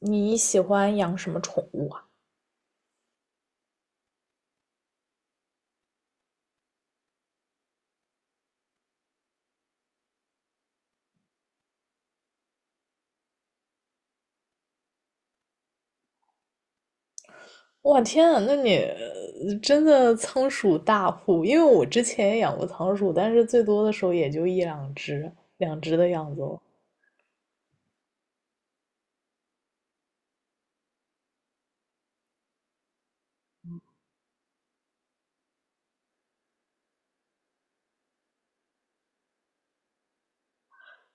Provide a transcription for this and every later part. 你喜欢养什么宠物啊？哇天啊，那你真的仓鼠大户，因为我之前也养过仓鼠，但是最多的时候也就一两只，两只的样子哦。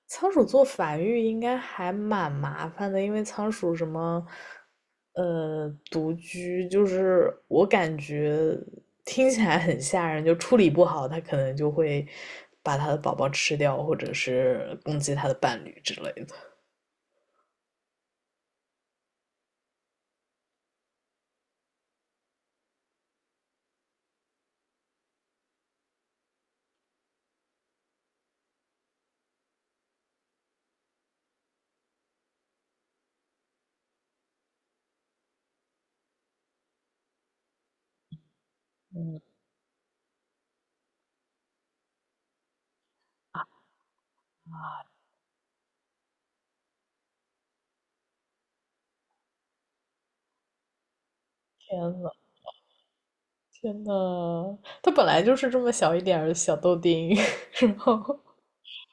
仓鼠做繁育应该还蛮麻烦的，因为仓鼠什么，独居，就是我感觉听起来很吓人，就处理不好，它可能就会把它的宝宝吃掉，或者是攻击它的伴侣之类的。嗯。啊，天呐。天呐，它本来就是这么小一点儿的小豆丁，然后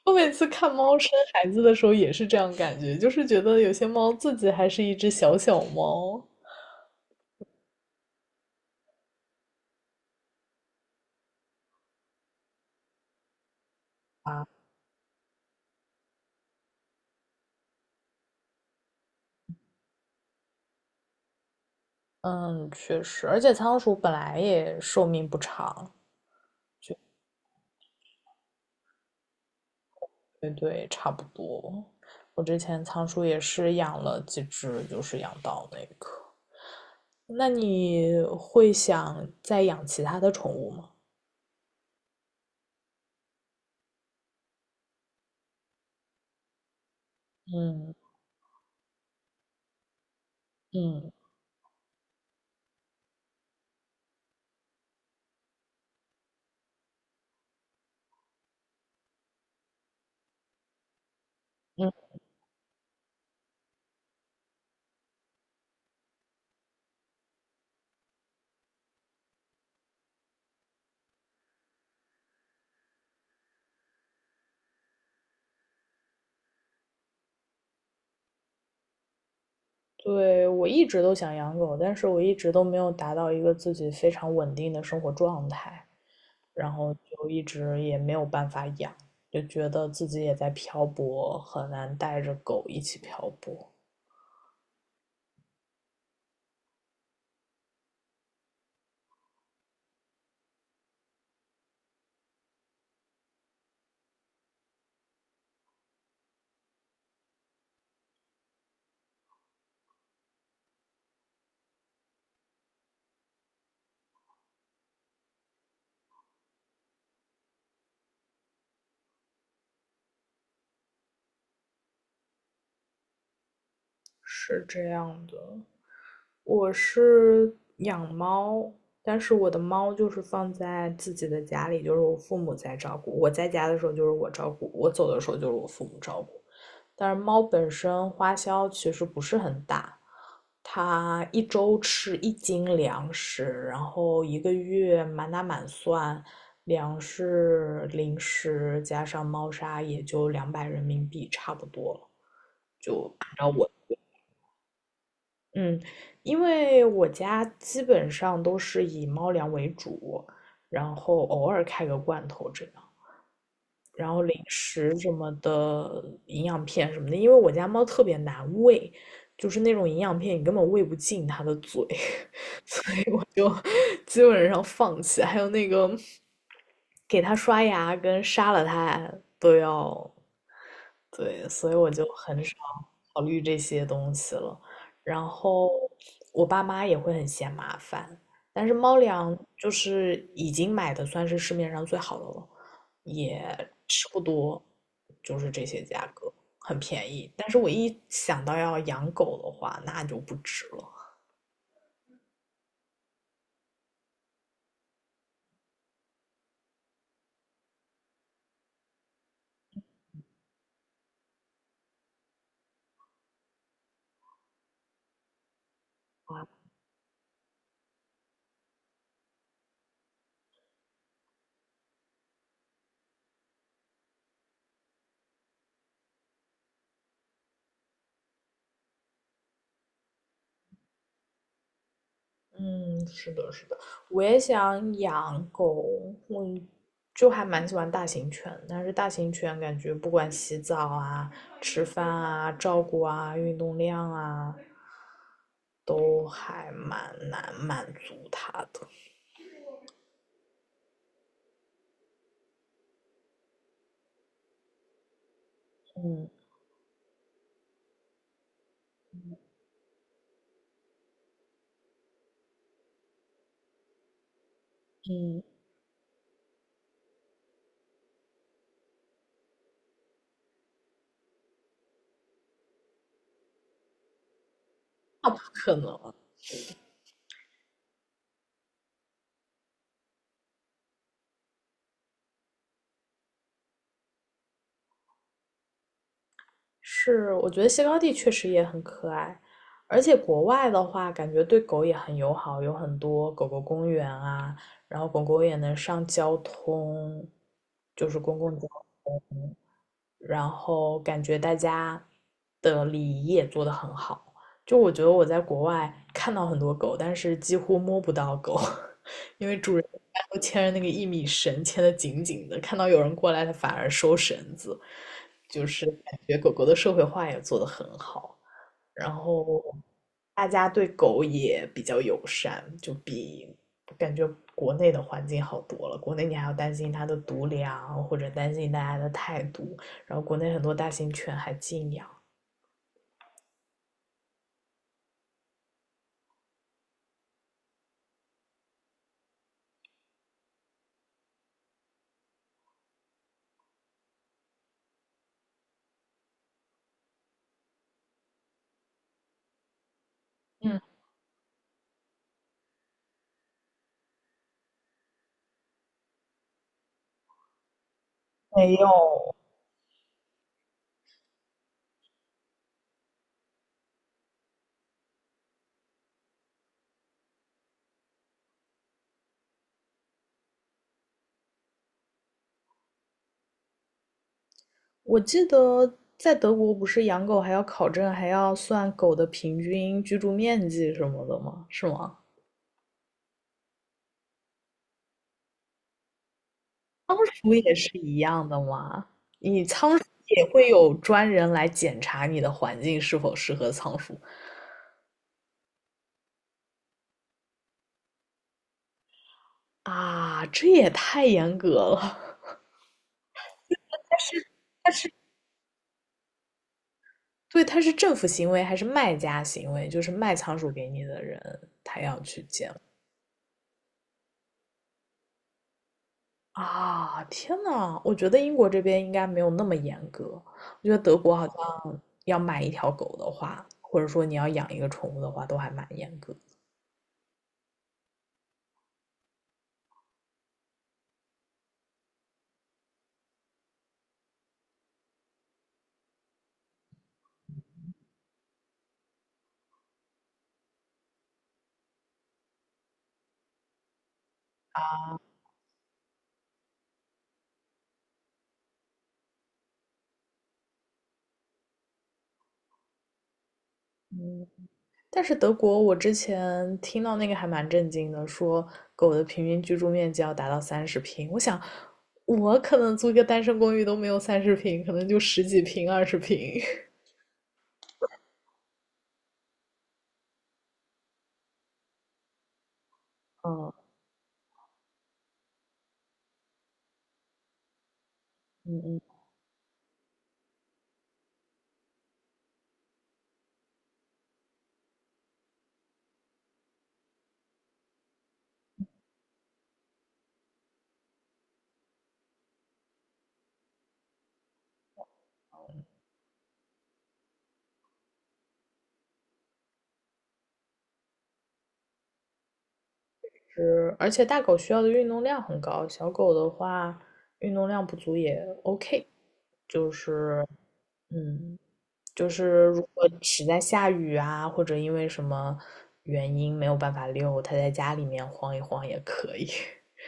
我每次看猫生孩子的时候也是这样感觉，就是觉得有些猫自己还是一只小小猫。啊。嗯，确实，而且仓鼠本来也寿命不长。对对，差不多。我之前仓鼠也是养了几只，就是养到那个。那你会想再养其他的宠物吗？嗯嗯嗯。对，我一直都想养狗，但是我一直都没有达到一个自己非常稳定的生活状态，然后就一直也没有办法养，就觉得自己也在漂泊，很难带着狗一起漂泊。是这样的，我是养猫，但是我的猫就是放在自己的家里，就是我父母在照顾。我在家的时候就是我照顾，我走的时候就是我父母照顾。但是猫本身花销其实不是很大，它一周吃一斤粮食，然后一个月满打满算，粮食、零食加上猫砂也就200人民币差不多了。就按照我嗯，因为我家基本上都是以猫粮为主，然后偶尔开个罐头这样，然后零食什么的，营养片什么的，因为我家猫特别难喂，就是那种营养片你根本喂不进它的嘴，就基本上放弃。还有那个给它刷牙跟杀了它都要。对，所以我就很少考虑这些东西了。然后我爸妈也会很嫌麻烦，但是猫粮就是已经买的算是市面上最好的了，也吃不多，就是这些价格很便宜。但是我一想到要养狗的话，那就不值了。嗯，是的，是的，我也想养狗，我就还蛮喜欢大型犬，但是大型犬感觉不管洗澡啊、吃饭啊、照顾啊、运动量啊，都还蛮难满足它的。嗯嗯。那不可能。是，我觉得西高地确实也很可爱，而且国外的话，感觉对狗也很友好，有很多狗狗公园啊，然后狗狗也能上交通，就是公共交通，然后感觉大家的礼仪也做得很好。就我觉得我在国外看到很多狗，但是几乎摸不到狗。都牵着那个一米绳牵得紧紧的，看到有人过来，它反而收绳子，就是感觉狗狗的社会化也做得很好，然后大家对狗也比较友善，就比感觉国内的环境好多了。国内你还要担心它的毒粮，或者担心大家的态度，然后国内很多大型犬还禁养。嗯。没有。我记得在德国不是养狗还要考证，还要算狗的平均居住面积什么的吗？是吗？仓鼠也是一样的吗？也会有专人来检查你的环境是否适合仓鼠。啊？这也太严格了。对，它是政府行为还是卖家行为？就是卖仓鼠给你的人，他要去检。啊，天呐，我觉得英国这边应该没有那么严格。我觉得德国好像要买一条狗的话，或者说你要养一个宠物的话，都还蛮严格。但是德国，我之前听到那个还蛮震惊的，说狗的平均居住面积要达到三十平。我想，我可能租一个单身公寓都没有三十平，可能就十几平、20平。嗯嗯嗯。是，而且大狗需要的运动量很高，小狗的话运动量不足也 OK。就是，嗯，就是如果实在下雨啊，或者因为什么原因没有办法遛，它在家里面晃一晃也可以。是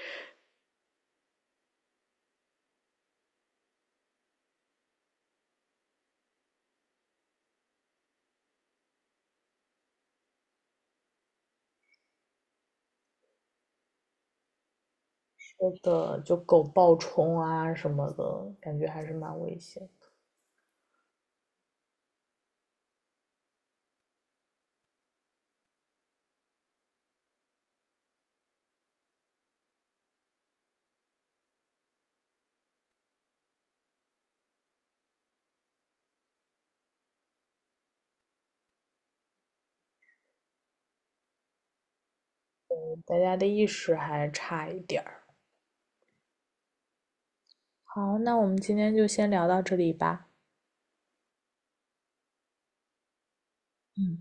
的，就狗暴冲啊什么的，感觉还是蛮危险的，大家的意识还差一点儿。好，那我们今天就先聊到这里吧。嗯。